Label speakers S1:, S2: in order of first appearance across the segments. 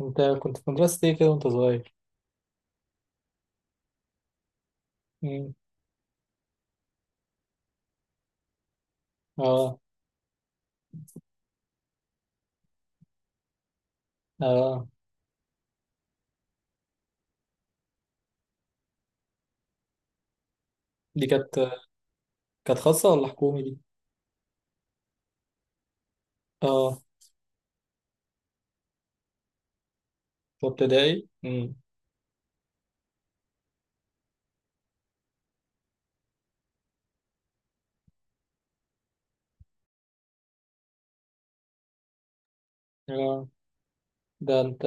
S1: انت كنت في مدرسة ايه كده وانت صغير؟ مم. اه. اه. دي كانت خاصة ولا حكومي دي؟ اه. في ابتدائي؟ مم. اه. ده انت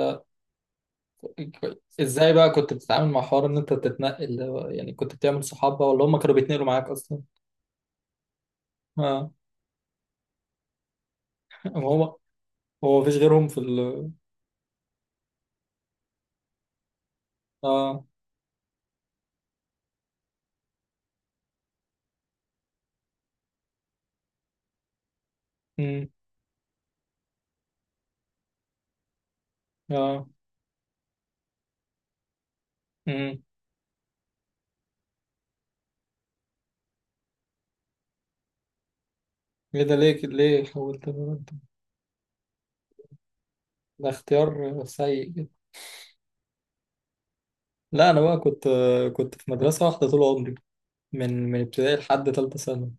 S1: ازاي بقى كنت بتتعامل مع حوار ان انت تتنقل ده بقى؟ يعني كنت بتعمل صحاب بقى ولا هم كانوا بيتنقلوا معاك اصلا؟ اه. هو هو مفيش غيرهم في ال اه مم. اه. مم. ايه ده ليه حولت بقى انت؟ ده اختيار سيء جدا. لا انا بقى كنت في مدرسة واحدة طول عمري، من ابتدائي لحد تالتة ثانوي.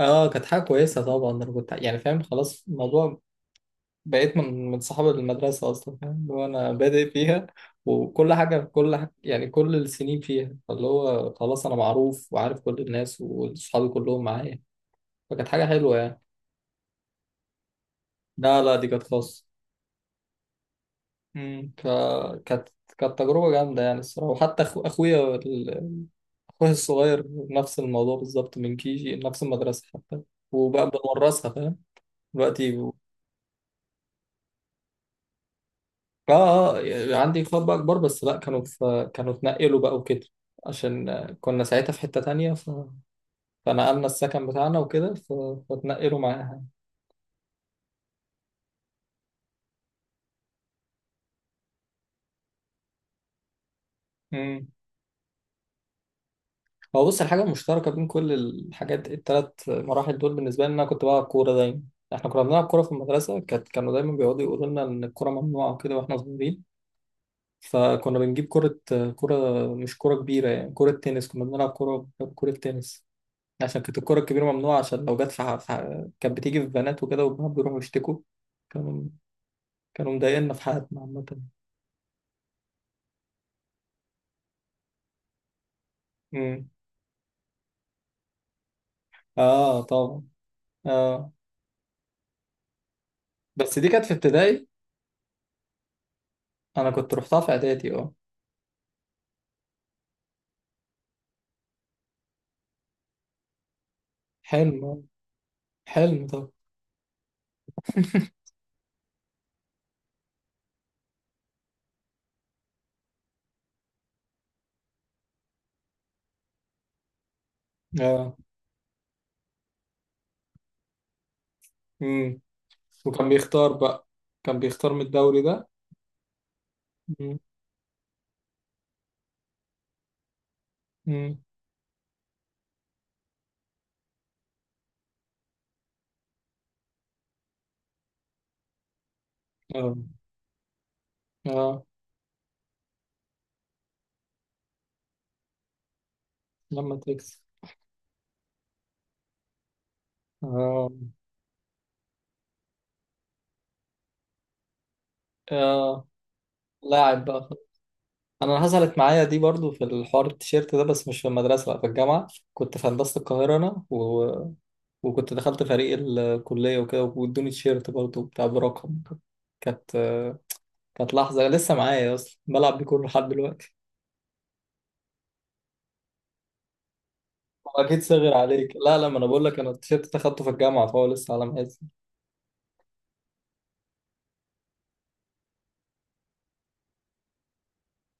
S1: اه. كانت حاجة كويسة طبعا، انا كنت يعني فاهم خلاص الموضوع، بقيت من صحاب المدرسة اصلا، فاهم اللي هو انا بادئ فيها، وكل حاجة كل حاجة يعني، كل السنين فيها، فاللي هو خلاص انا معروف وعارف كل الناس وصحابي كلهم معايا، فكانت حاجة حلوة يعني. لا لا، دي كانت خاصة. امم، فكانت تجربة جامدة يعني الصراحة، وحتى اخويا الصغير نفس الموضوع بالظبط من كيجي نفس المدرسة حتى، وبقى بنورثها فاهم دلوقتي. اه. آه، عندي اخوات بقى كبار، بس لا كانوا اتنقلوا بقى وكده، عشان كنا ساعتها في حتة تانية فنقلنا السكن بتاعنا وكده فاتنقلوا معاها. امم. هو بص، الحاجة المشتركة بين كل الحاجات التلات مراحل دول بالنسبة لنا، كنت بلعب كورة دايما. احنا كنا بنلعب كورة في المدرسة، كانوا دايما بيقعدوا يقولوا لنا ان الكورة ممنوعة وكده واحنا صغيرين، فكنا بنجيب كرة، كرة، مش كرة كبيرة يعني، كرة تنس كنا بنلعب، كرة، كرة تنس، عشان كانت الكرة الكبيرة ممنوعة، عشان لو جت كانت بتيجي في بنات وكده، وبنات بيروحوا يشتكوا، كانوا كانوا مضايقنا في حياتنا عامة. امم. اه طبعا. اه. بس دي كانت في ابتدائي، انا كنت روحتها في اعدادي. اه. حلم آه. حلم طبعا. اه. امم. وكان بيختار بقى، كان بيختار من الدوري ده. امم. امم. اه. اه. لما تكسب. اه. اه. لاعب بقى. انا حصلت معايا دي برضو، في الحوار التيشيرت ده، بس مش في المدرسه لا، في الجامعه. كنت في هندسه القاهره، انا و... وكنت دخلت فريق الكليه وكده، وادوني تيشيرت برضو بتاع برقم. كانت كانت لحظه لسه معايا اصلا بلعب بيه كل لحد دلوقتي. هو اكيد صغير عليك؟ لا لا، ما انا بقول لك انا التيشيرت ده اخدته في الجامعه فهو لسه على مقاسي.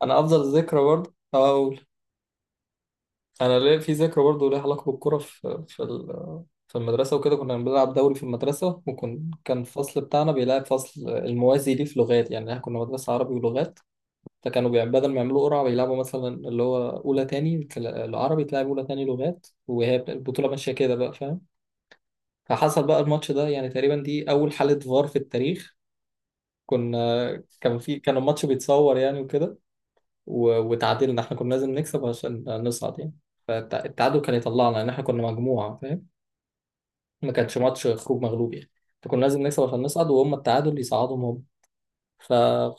S1: انا افضل ذكرى برضو اه، انا ليه في ذكرى برضه ليها علاقه بالكوره في المدرسه وكده. كنا بنلعب دوري في المدرسه، وكان الفصل بتاعنا بيلعب فصل الموازي ليه في لغات، يعني احنا كنا مدرسه عربي ولغات، بدل ما يعملوا قرعه بيلعبوا مثلا، اللي هو اولى تاني العربي تلعب اولى تاني لغات، وهي البطوله ماشيه كده بقى فاهم. فحصل بقى الماتش ده، يعني تقريبا دي اول حاله فار في التاريخ. كنا كان الماتش بيتصور يعني وكده، وتعادلنا، احنا كنا لازم نكسب عشان نصعد يعني، فالتعادل كان يطلعنا لان احنا كنا مجموعه فاهم، ما كانش ماتش خروج مغلوب يعني، فكنا لازم نكسب عشان نصعد وهم التعادل يصعدهم هم. ف...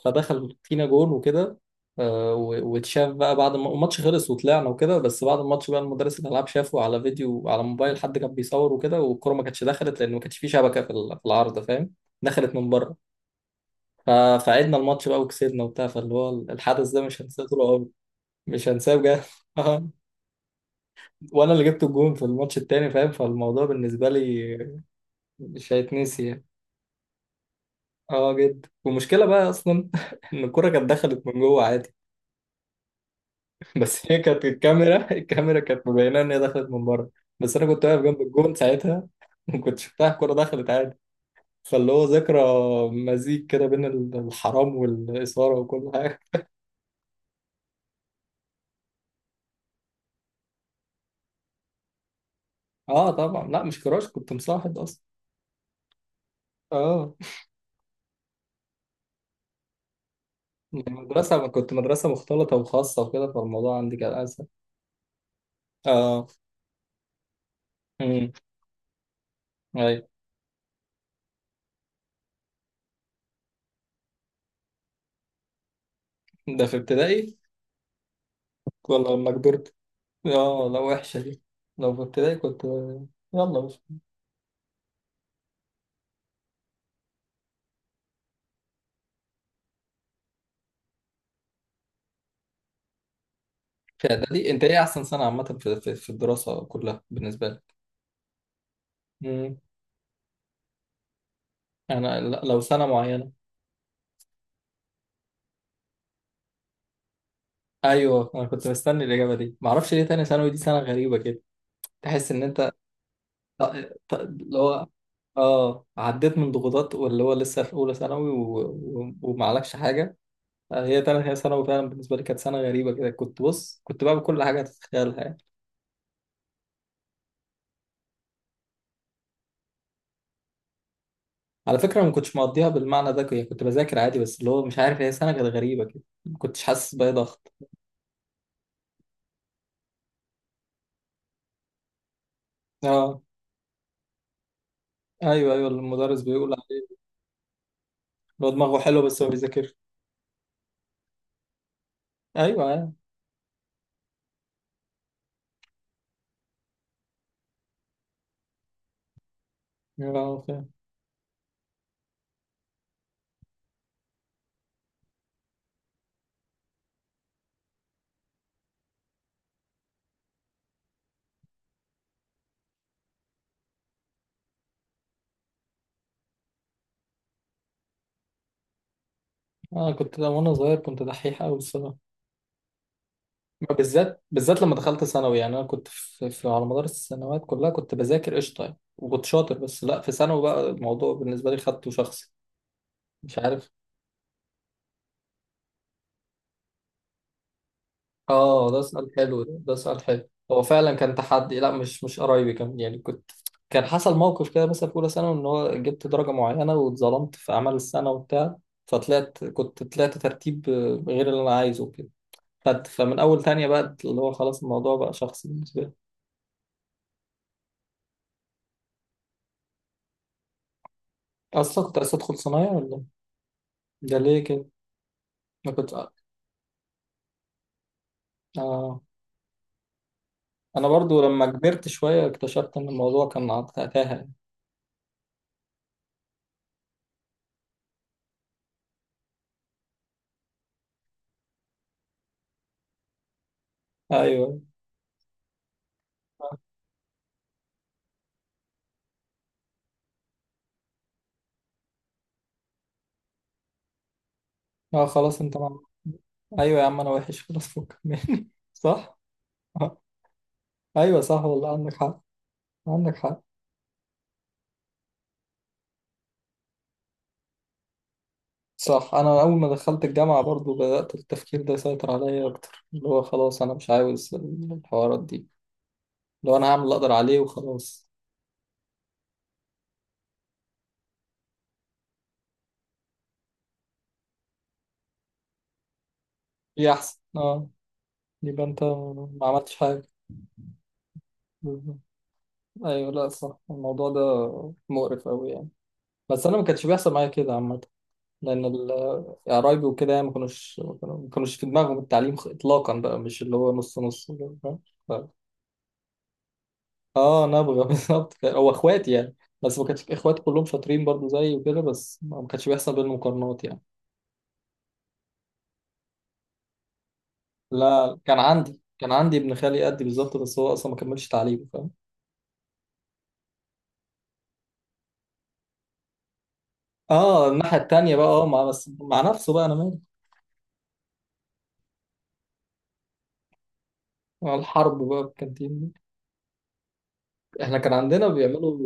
S1: فدخل فينا جون وكده، واتشاف بقى بعد ما الماتش خلص وطلعنا وكده، بس بعد الماتش بقى المدرس الالعاب شافه على فيديو على موبايل، حد كان بيصور وكده، والكوره ما كانتش دخلت لان ما كانش في شبكه في العارضه فاهم، دخلت من بره. ف- فعدنا الماتش بقى وكسبنا وبتاع، فاللي هو الحدث ده مش هنساه طول عمري، مش هنساه بجد. وانا اللي جبت الجون في الماتش التاني فاهم، فالموضوع بالنسبه لي مش هيتنسي يعني. اه جدا، والمشكله بقى اصلا ان الكره كانت دخلت من جوه عادي، بس هي كانت، الكاميرا، الكاميرا كانت مبينه ان هي دخلت من بره، بس انا كنت واقف جنب الجون ساعتها وكنت شفتها الكره دخلت عادي، فاللي هو ذكرى مزيج كده بين الحرام والاثاره وكل حاجه. اه طبعا، لا مش كراش، كنت مصاحب اصلا. اه، مدرسه، كنت مدرسه مختلطه وخاصه وكده، فالموضوع عندي كان اسهل. اه. امم. ده في ابتدائي ولا لما كبرت؟ اه لا وحشة دي، لو في ابتدائي كنت يلا بس. في اعدادي انت ايه احسن سنة عامة في الدراسة كلها بالنسبة لك؟ مم. انا لو سنة معينة. ايوه، انا كنت مستني الاجابة دي، معرفش ليه، تاني ثانوي دي سنة غريبة كده، تحس ان انت ط- اللي هو اه عديت من ضغوطات، واللي هو لسه في اولى ثانوي ومعلكش حاجه. هي تاني هي ثانوي فعلا بالنسبه لي كانت سنه غريبه كده، كنت بعمل كل حاجه تتخيلها. على فكرة ما كنتش مقضيها بالمعنى ده يعني، كنت بذاكر عادي، بس اللي هو مش عارف، هي سنة كانت غريبة كده، ما كنتش حاسس بأي ضغط. اه. ايوه ايوه، المدرس بيقول عليه اللي هو دماغه حلوة بس ما بيذاكرش. ايوه ايوه. اه فاهم. انا كنت ده وانا صغير، كنت دحيح قوي الصراحة، ما بالذات بالذات لما دخلت ثانوي يعني، انا كنت في, في على مدار السنوات كلها كنت بذاكر قشطة يعني وكنت شاطر، بس لا، في ثانوي بقى الموضوع بالنسبة لي خدته شخصي، مش عارف. اه ده سؤال حلو ده, سؤال حلو، هو فعلا كان تحدي، لا مش قرايبي، كان يعني كنت، كان حصل موقف كده مثلا في اولى ثانوي ان هو جبت درجه معينه واتظلمت في اعمال السنه وبتاع، فطلعت كنت طلعت ترتيب غير اللي انا عايزه كده، فمن اول تانية بقى اللي هو خلاص الموضوع بقى شخصي بالنسبه لي. اصلا كنت عايز ادخل صنايع ولا؟ ده ليه كده؟ ما كنت اه انا برضو لما كبرت شويه اكتشفت ان الموضوع كان تافه. ايوه. اه خلاص انت. ايوه يا عم، انا وحش خلاص، فكك مني صح. آه. ايوه صح والله عندك حق. عندك حق. صح، انا اول ما دخلت الجامعه برضو بدات التفكير ده يسيطر عليا اكتر، اللي هو خلاص انا مش عاوز الحوارات دي، لو انا هعمل اللي اقدر عليه وخلاص. دي احسن. اه يبقى انت ما عملتش حاجه. بالظبط. ايوه، لا صح، الموضوع ده مقرف قوي يعني، بس انا ما كانش بيحصل معايا كده عامه، لان ال- يعني قرايبي وكده يعني ما كانوش في دماغهم التعليم اطلاقا بقى، مش اللي هو نص نص فاهم؟ اه نبغى بالظبط كده. هو اخوات يعني، بس ما كانش اخوات كلهم شاطرين برضو زيي وكده، بس ما كانش بيحصل بينهم مقارنات يعني. لا كان عندي، كان عندي ابن خالي قدي بالظبط، بس هو اصلا ما كملش تعليمه فاهم. اه الناحيه التانيه بقى مع نفسه بقى، انا مالي. مع الحرب بقى في الكانتين دي. احنا كان عندنا بيعملوا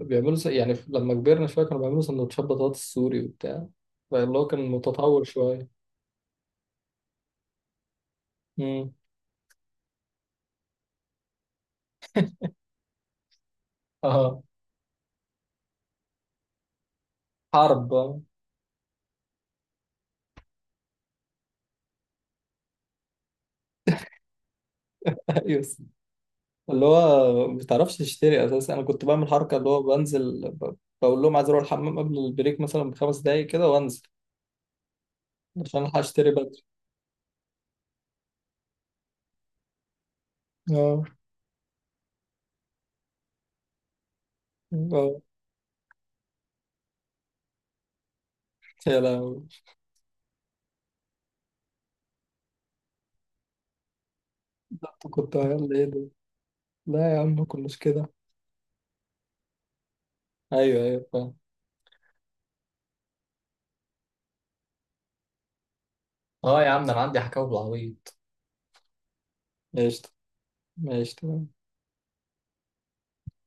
S1: بيعملوا س- يعني لما كبرنا شويه كانوا بيعملوا سندوتشات بطاطس سوري وبتاع، فاللي هو كان متطور شويه. امم. اه. حرب آه. ايوه، اللي هو ما بتعرفش تشتري اساسا، انا كنت بعمل حركه اللي هو بقول لهم عايز اروح الحمام قبل البريك مثلا ب5 دقايق كده وانزل عشان الحق اشتري بدري. اه. اه. يا لهوي، ده أنت كنت عيال ايه ده؟ لا يا عم ما كناش كده. ايوه ايوه فاهم. اه يا عم، ده انا عندي حكاوي بالعبيط. قشطة. قشطة.